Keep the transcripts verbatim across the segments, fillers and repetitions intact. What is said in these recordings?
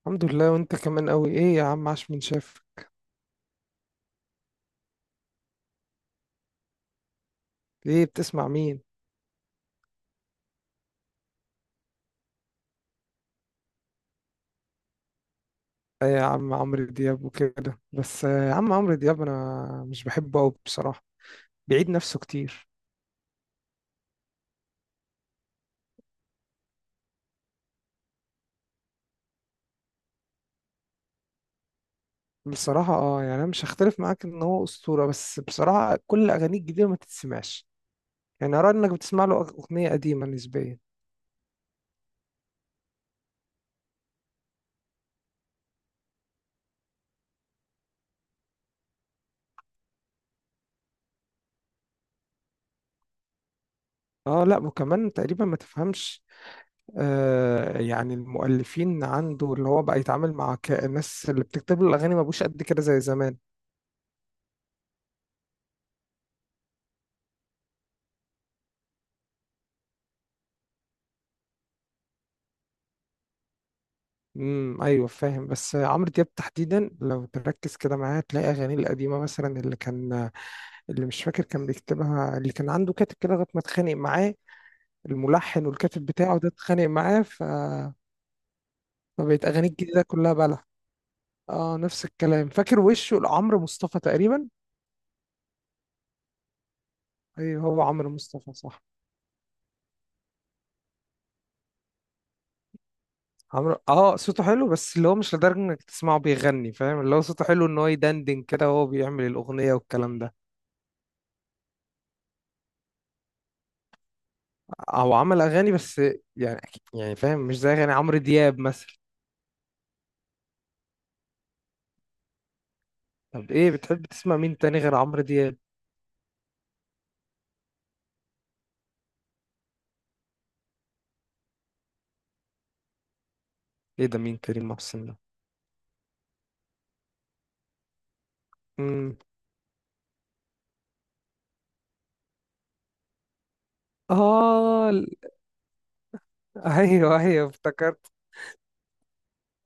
الحمد لله. وانت كمان قوي. ايه يا عم؟ عاش من شافك. ايه بتسمع مين؟ آه، يا عم عمرو دياب وكده بس. آه، يا عم عمرو دياب انا مش بحبه قوي بصراحة. بيعيد نفسه كتير. بصراحة اه يعني انا مش هختلف معاك ان هو اسطورة، بس بصراحة كل اغانيه الجديدة ما تتسمعش. يعني ارى انك بتسمع له أغ- اغنية قديمة نسبيا. اه لا، وكمان تقريبا ما تفهمش. آه يعني المؤلفين عنده، اللي هو بقى يتعامل مع ك- الناس اللي بتكتب له الاغاني، ما بقوش قد كده زي زمان. امم ايوه فاهم. بس عمرو دياب تحديدا لو تركز كده معاه هتلاقي اغانيه القديمه، مثلا اللي كان، اللي مش فاكر كان بيكتبها، اللي كان عنده كاتب كده لغايه ما اتخانق معاه، الملحن والكاتب بتاعه ده اتخانق معاه. ف فبقت اغانيه الجديده كلها بلح. اه، نفس الكلام، فاكر وشه، لعمرو مصطفى تقريبا. ايوه، هو عمرو مصطفى صح. عمرو اه صوته حلو، بس اللي هو مش لدرجه انك تسمعه بيغني. فاهم؟ اللي هو صوته حلو ان هو يدندن كده وهو بيعمل الاغنيه والكلام ده. هو عمل اغاني، بس يعني أكيد- يعني فاهم، مش زي اغاني عمرو دياب مثلا. طب ايه بتحب تسمع مين تاني غير عمرو دياب؟ ايه ده، مين كريم محسن ده؟ امم. اه ال- ايوه ايوه افتكرت.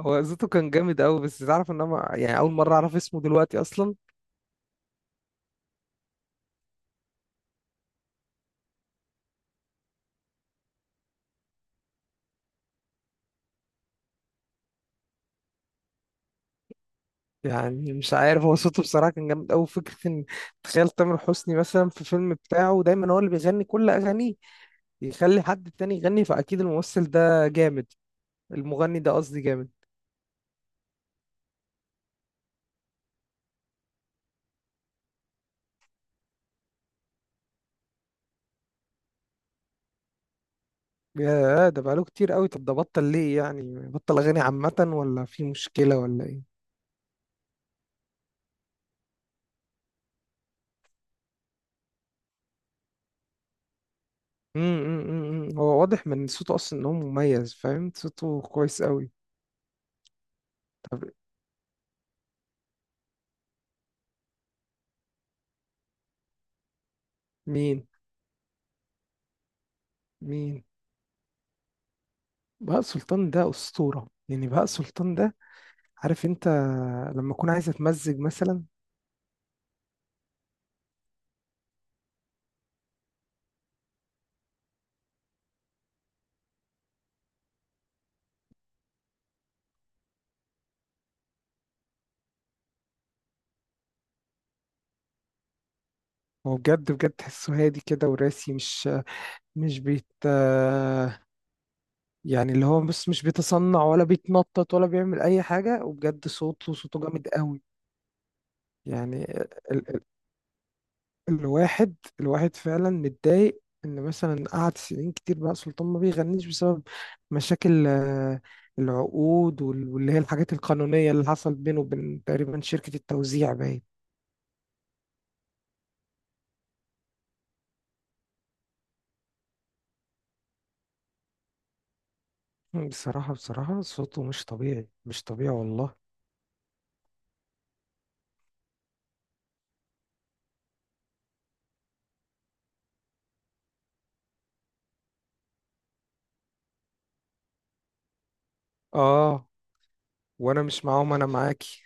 هو صوته كان جامد قوي. بس تعرف ان انا ما- يعني اول مره اعرف اسمه دلوقتي اصلا. يعني مش عارف، هو صوته بصراحه كان جامد قوي. فكره ان تخيل تامر حسني مثلا، في فيلم بتاعه دايما هو اللي بيغني كل اغانيه، يخلي حد تاني يغني؟ فاكيد الممثل ده جامد، المغني ده قصدي جامد. يا ده بقاله كتير قوي. طب ده بطل ليه يعني؟ بطل اغاني عامة، ولا في مشكلة، ولا ايه؟ امم امم هو واضح من صوته اصلا ان هو مميز. فاهم؟ صوته كويس قوي. مين؟ مين بهاء سلطان ده، اسطورة يعني! بهاء سلطان ده، عارف انت، لما اكون عايز اتمزج مثلا. هو بجد بجد تحسه هادي كده وراسي، مش مش بيت يعني اللي هو بص، مش بيتصنع ولا بيتنطط ولا بيعمل اي حاجة. وبجد صوته صوته جامد قوي. يعني الواحد الواحد فعلا متضايق ان مثلا قعد سنين كتير بقى سلطان ما بيغنيش، بسبب مشاكل آه، العقود وال- واللي هي الحاجات القانونية اللي حصل بينه وبين تقريبا شركة التوزيع، باين. بصراحة بصراحة صوته مش طبيعي، مش طبيعي والله. اه، وانا مش معاهم، انا معاكي.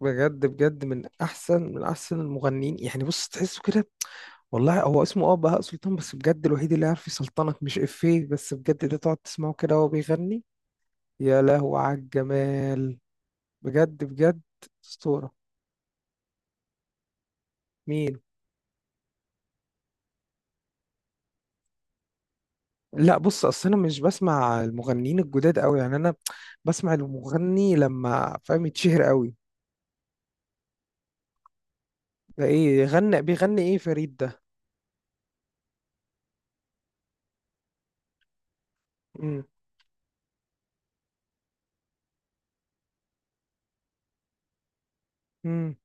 بجد بجد من احسن من احسن المغنيين، يعني بص تحسه كده والله. هو اسمه اه بهاء سلطان، بس بجد الوحيد اللي عارف يسلطنك، مش افيه بس بجد، ده تقعد تسمعه كده وهو بيغني. يا لهو على الجمال! بجد بجد اسطوره. مين؟ لا بص، اصل انا مش بسمع المغنيين الجداد قوي. يعني انا بسمع المغني لما فاهم يتشهر قوي. ده ايه غنى، بيغني ايه فريد ده؟ امم. امم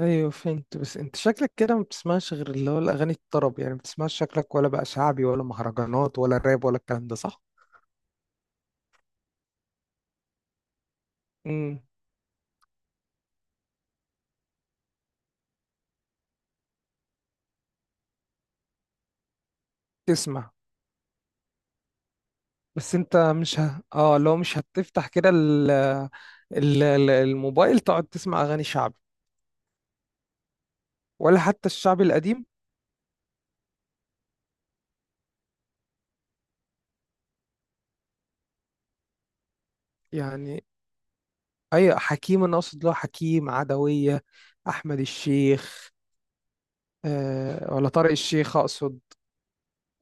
ايوه فهمت. بس انت شكلك كده ما بتسمعش غير اللي هو الاغاني الطرب، يعني ما بتسمعش شكلك ولا بقى شعبي ولا مهرجانات ولا راب ولا الكلام ده، صح؟ امم. تسمع. بس انت مش ه... اه لو مش هتفتح كده ال... ال... ال- الموبايل تقعد تسمع اغاني شعبي؟ ولا حتى الشعبي القديم؟ يعني أي حكيم؟ أنا أقصد له حكيم عدوية، أحمد الشيخ. آه، ولا طارق الشيخ أقصد.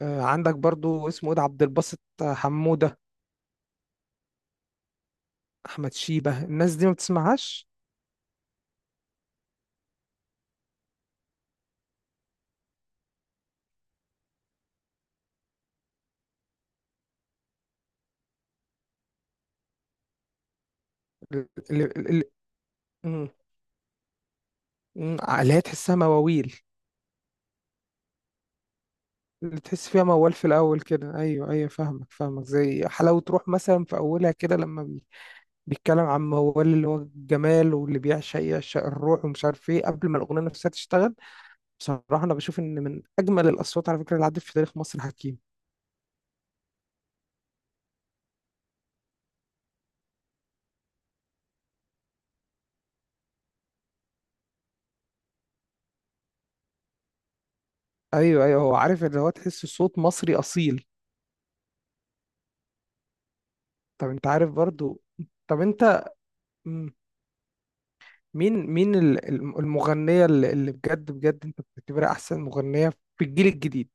آه، عندك برضو اسمه إيه ده، عبد الباسط حمودة، أحمد شيبة. الناس دي ما بتسمعهاش؟ ال- ال- ال- ال- مم، مم، اللي هي تحسها مواويل، اللي تحس فيها موال في الأول كده. أيوه أيوه فاهمك فاهمك. زي حلاوة روح مثلا، في أولها كده لما بي- بيتكلم عن موال، اللي هو الجمال، واللي بيعشق يعشق الروح ومش عارف إيه، قبل ما الأغنية نفسها تشتغل. بصراحة أنا بشوف إن من أجمل الأصوات على فكرة اللي عدت في تاريخ مصر حكيم. أيوه أيوه هو عارف، اللي هو تحس صوت مصري أصيل. طب أنت عارف برضو؟ طب أنت... مم، مين مين ال- الم- المغنية اللي اللي بجد بجد أنت بتعتبرها أحسن مغنية في الجيل الجديد؟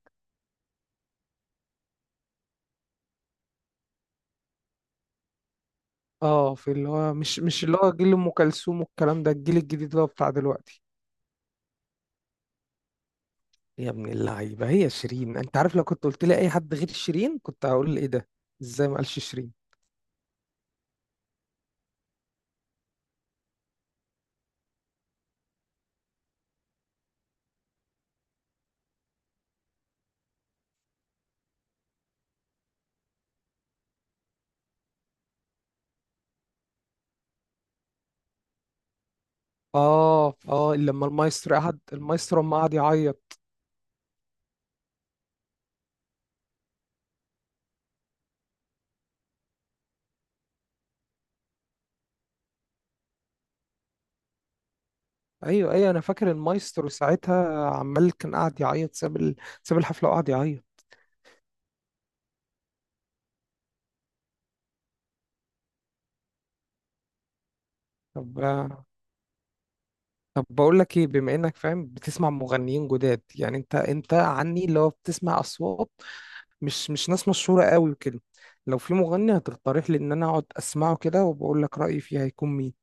أه، في اللي هو مش مش اللي هو جيل أم كلثوم والكلام ده، الجيل الجديد اللي هو بتاع دلوقتي. يا ابن اللعيبة، هي شيرين! أنت عارف لو كنت قلت لي أي حد غير شيرين كنت هقول إيه ده، إزاي ما قالش شيرين! اه اه، لما المايسترو قعد، المايسترو لما قعد يعيط. ايوه ايوه انا فاكر، المايسترو ساعتها عمال كان قاعد يعيط، ساب ال... ساب الحفله وقعد يعيط. طب طب بقول لك ايه، بما انك فاهم بتسمع مغنيين جداد، يعني انت انت عني اللي هو بتسمع اصوات مش مش ناس مشهوره قوي وكده، لو في مغني هتقترح لي ان انا اقعد اسمعه كده وبقول لك رايي فيه، هيكون مين؟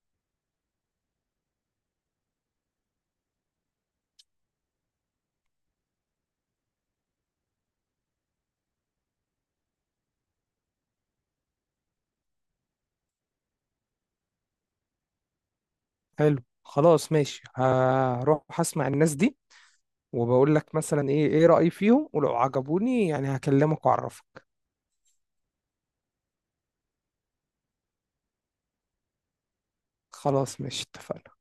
حلو خلاص، ماشي، هروح اسمع الناس دي، وبقول لك مثلا ايه، ايه رايي فيهم، ولو عجبوني يعني هكلمك واعرفك. خلاص ماشي، اتفقنا.